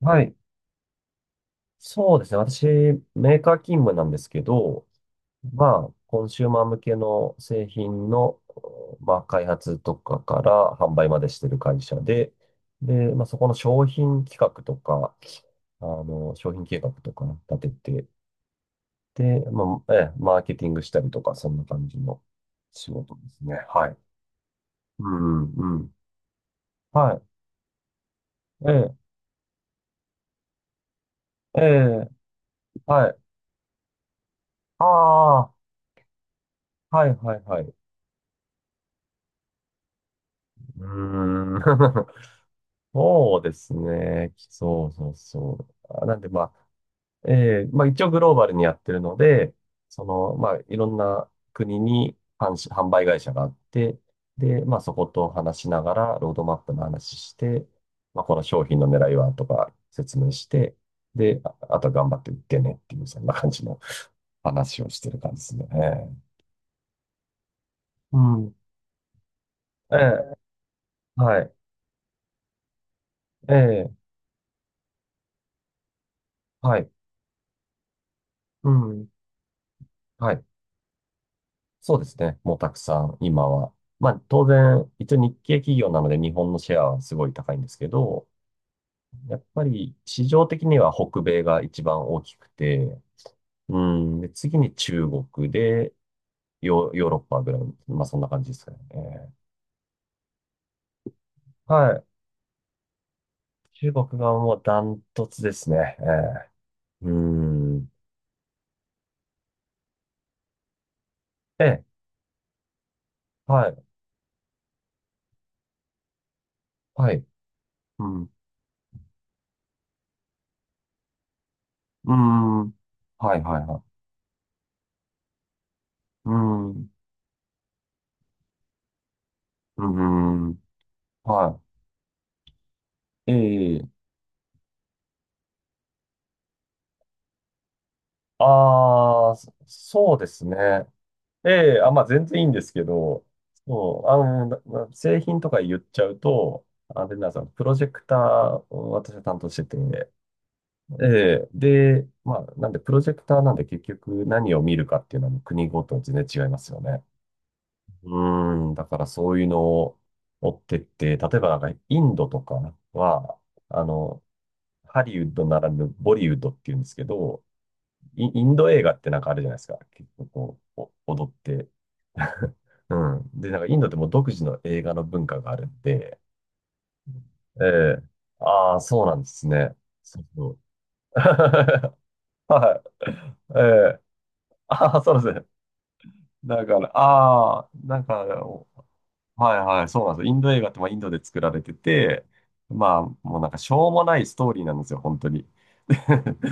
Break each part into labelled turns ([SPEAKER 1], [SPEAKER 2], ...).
[SPEAKER 1] はい。そうですね。私、メーカー勤務なんですけど、まあ、コンシューマー向けの製品の、まあ、開発とかから販売までしてる会社で、で、まあ、そこの商品企画とか、商品計画とか立てて、で、まあ、ええ、マーケティングしたりとか、そんな感じの仕事ですね。はい。うん、うん。はい。ええ、ええ、はい。ああ、はい、はい、はい。うーん。そうですね。そうそうそう。あなんで、まあ、まあ一応グローバルにやってるので、その、まあいろんな国に販売会社があって、で、まあそこと話しながら、ロードマップの話して、まあこの商品の狙いはとか説明して、で、あとは頑張って売ってねっていう、そんな感じの話をしてる感じですね。うん。ええ、はい。ええ、はい。うん。はい。そうですね。もうたくさん、今は。まあ、当然、一応日系企業なので日本のシェアはすごい高いんですけど、やっぱり市場的には北米が一番大きくて、うん、で、次に中国で、ヨーロッパぐらい、まあそんな感じですかね。ーはい。中国がもうダントツですね。うん。ええ、はい、はい。うん、うん、はい、はい、はい。うん、うん、はい。ええああ、そうですね。ええ、あ、まあ全然いいんですけど、そう、な製品とか言っちゃうと、あれなんですよ、プロジェクターを私は担当してて、ええ、で、まあ、なんでプロジェクターなんで結局何を見るかっていうのは国ごとに全然違いますよね。うーん、だからそういうのを追ってって、例えばなんかインドとかは、あの、ハリウッドならぬボリウッドっていうんですけど、インド映画ってなんかあるじゃないですか。結構こう、お踊って。うん。で、なんかインドってもう独自の映画の文化があるんで、ええああー、そうなんですね。そうそう。はい。ええああー、そうですね。だから、ああ、なんか、はいはい、そうなんですよ。インド映画ってまあインドで作られてて、まあもうなんかしょうもないストーリーなんですよ、本当に。で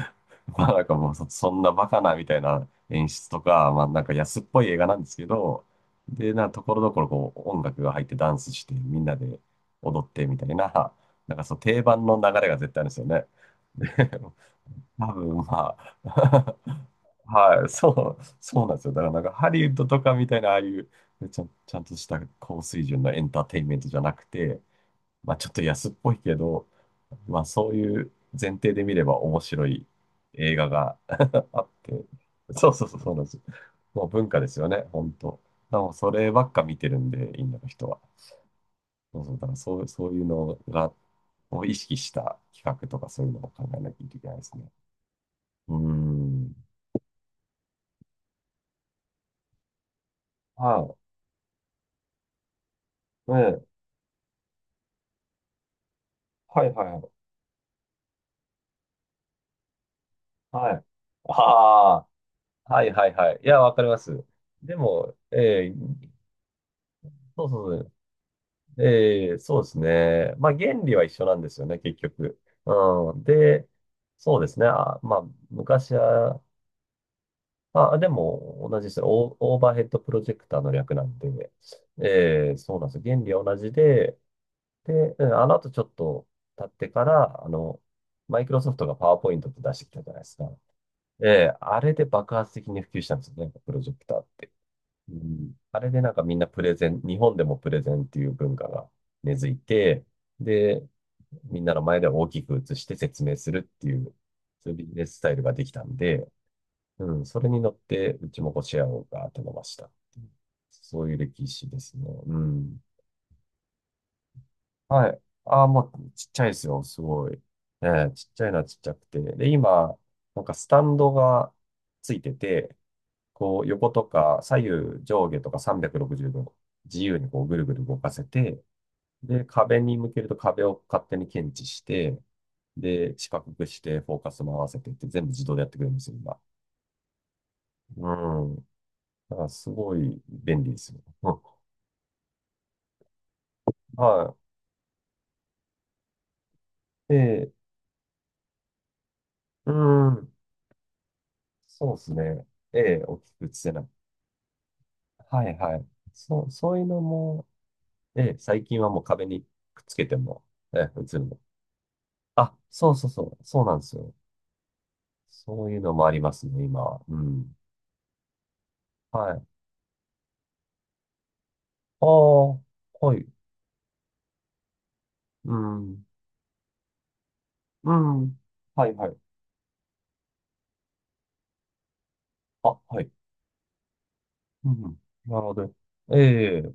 [SPEAKER 1] まあなんかもうそんなバカなみたいな演出とか、まあなんか安っぽい映画なんですけど、で、ところどころこう音楽が入ってダンスしてみんなで踊ってみたいな、なんかそう定番の流れが絶対あるんですよね。で 多分まあ、はい、そう、そうなんですよ。だからなんかハリウッドとかみたいな、ああいうちゃんとした高水準のエンターテインメントじゃなくて、まあちょっと安っぽいけど、まあそういう前提で見れば面白い映画が あって、そうそうそう、そうなんですよ。もう文化ですよね、本当。でもそればっか見てるんで、インドの人は。そうそう、だからそう、そういうのが、を意識した企画とかそういうのを考えなきゃいけないですね。うーん。はい。ええ。はいはいはい。はい。ああ、はいはいはい。いや、わかります。でも、ええ、そうそうそう。ええ、そうですね。まあ、原理は一緒なんですよね、結局。うん。で、そうですね。あ、まあ、昔は、あ、でも同じです。オーバーヘッドプロジェクターの略なんで、ええ、そうなんです。原理は同じで、で、うんあの後ちょっと経ってから、マイクロソフトがパワーポイントって出してきたじゃないですか。ええ、あれで爆発的に普及したんですよね、プロジェクターって。うん、あれでなんかみんなプレゼン、日本でもプレゼンっていう文化が根付いて、で、みんなの前で大きく映して説明するっていう、そういうビジネススタイルができたんで、うん、それに乗って、うちもこうシェアをガーッと伸ばした。そういう歴史ですね。うん。はい。ああ、もうちっちゃいですよ、すごい。ええ、ちっちゃいのはちっちゃくて。で、今、なんかスタンドがついてて、こう横とか左右上下とか360度自由にこうぐるぐる動かせて、で、壁に向けると壁を勝手に検知して、で、四角くしてフォーカスも合わせてって全部自動でやってくれるんですよ、今。うん。だからすごい便利ですよ。うんはい。ええ、うん。そうですね。ええ、大きく映せない。はいはい。そう、そういうのも、ええ、最近はもう壁にくっつけても、ええ、映るの。あ、そうそうそう、そうなんですよ。そういうのもありますね、今。うん。はい。ああ、はい。うん。うん。はいはい。あ、はい。うん。なるほど。ええ。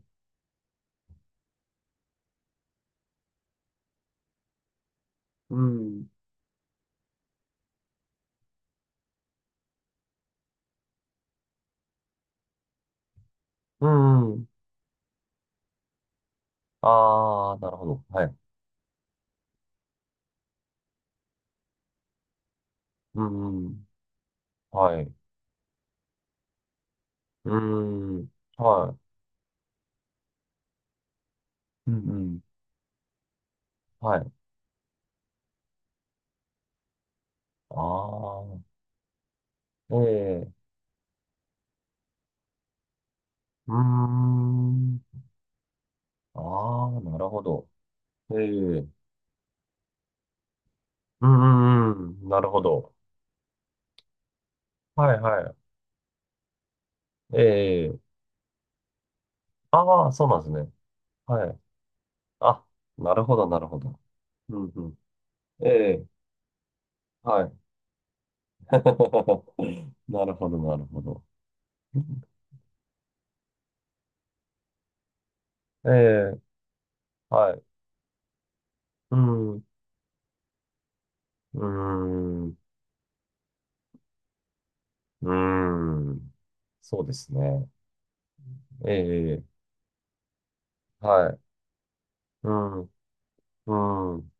[SPEAKER 1] うん。うん。ああ、なるほど。はい。うん。はい。うん。はい。うんうん。はい。ああ、ええ。うーん。ああ、なるほど。ええ。うんうんうん。なるほど。はいはい。ええ。ああ、そうなんですね。はい。あ、なるほど、なるほど。うんうん。ええ、はい。なるほど、なるほど。ええ、はい。うん、うーん、うーん。そうですね。ええ、はい。うん、うん。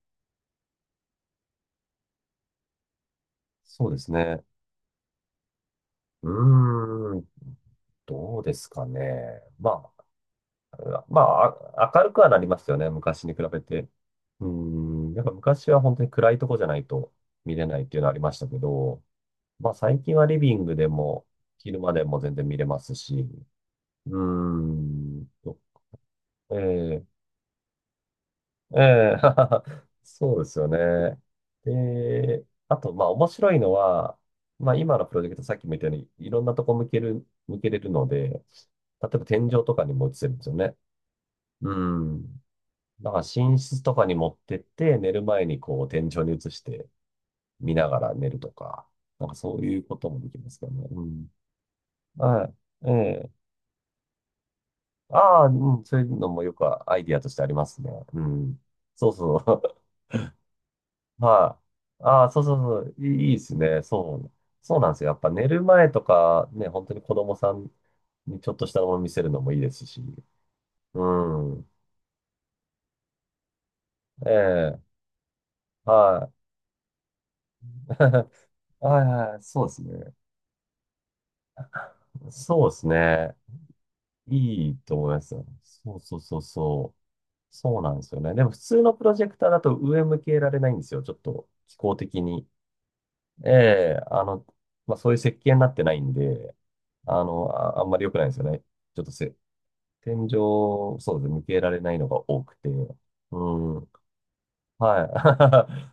[SPEAKER 1] そうですね。うーん、どうですかね。まあ、まあ、明るくはなりますよね。昔に比べて。うーん、やっぱ昔は本当に暗いとこじゃないと見れないっていうのはありましたけど、まあ最近はリビングでも、昼間でも全然見れますし、うーんと、ええええ そうですよね。で、あと、まあ面白いのは、まあ今のプロジェクトさっきも言ったように、いろんなとこ向けれるので、例えば天井とかにも映せるんですよね。うん。だから寝室とかに持ってって、寝る前にこう天井に移して見ながら寝るとか、なんかそういうこともできますけどね。うん。はい。ええああ、うん、そういうのもよくアイディアとしてありますね。うん。そうそう。はい。ああ、そうそうそう。いい、いいですね。そう。そうなんですよ。やっぱ寝る前とか、ね、本当に子供さんにちょっとしたもの見せるのもいいですし。うん。ええ、はい。はいはい、そうですね。そうですね。いいと思いますよ。そうそうそうそう。そうなんですよね。でも普通のプロジェクターだと上向けられないんですよ。ちょっと気候的に。ええ、まあ、そういう設計になってないんで、あんまり良くないんですよね。ちょっとせ、天井、そうですね、向けられないのが多くて。うん、は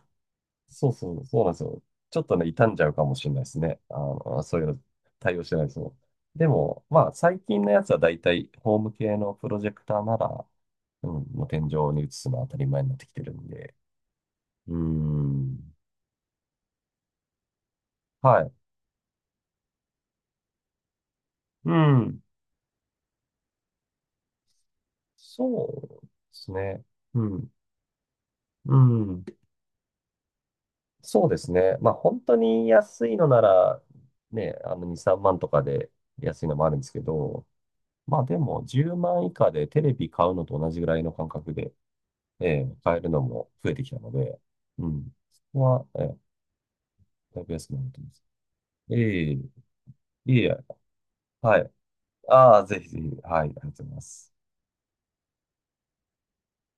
[SPEAKER 1] い。そうそう、そうなんですよ。ちょっとね、傷んじゃうかもしれないですね。そういうの対応してないですよ。でも、まあ、最近のやつはだいたいホーム系のプロジェクターなら、うん、もう天井に映すのは当たり前になってきてるんで。うん、はい。うん、そうですね。うん。うん。そうですね。まあ本当に安いのなら、ね、あの2、3万とかで安いのもあるんですけど、まあでも10万以下でテレビ買うのと同じぐらいの感覚で、ええ買えるのも増えてきたので、うん。そこは、ええだいぶ安くなってます。ええいえいえ、はい。ああ、ぜひぜひ、はい、ありがとうございます。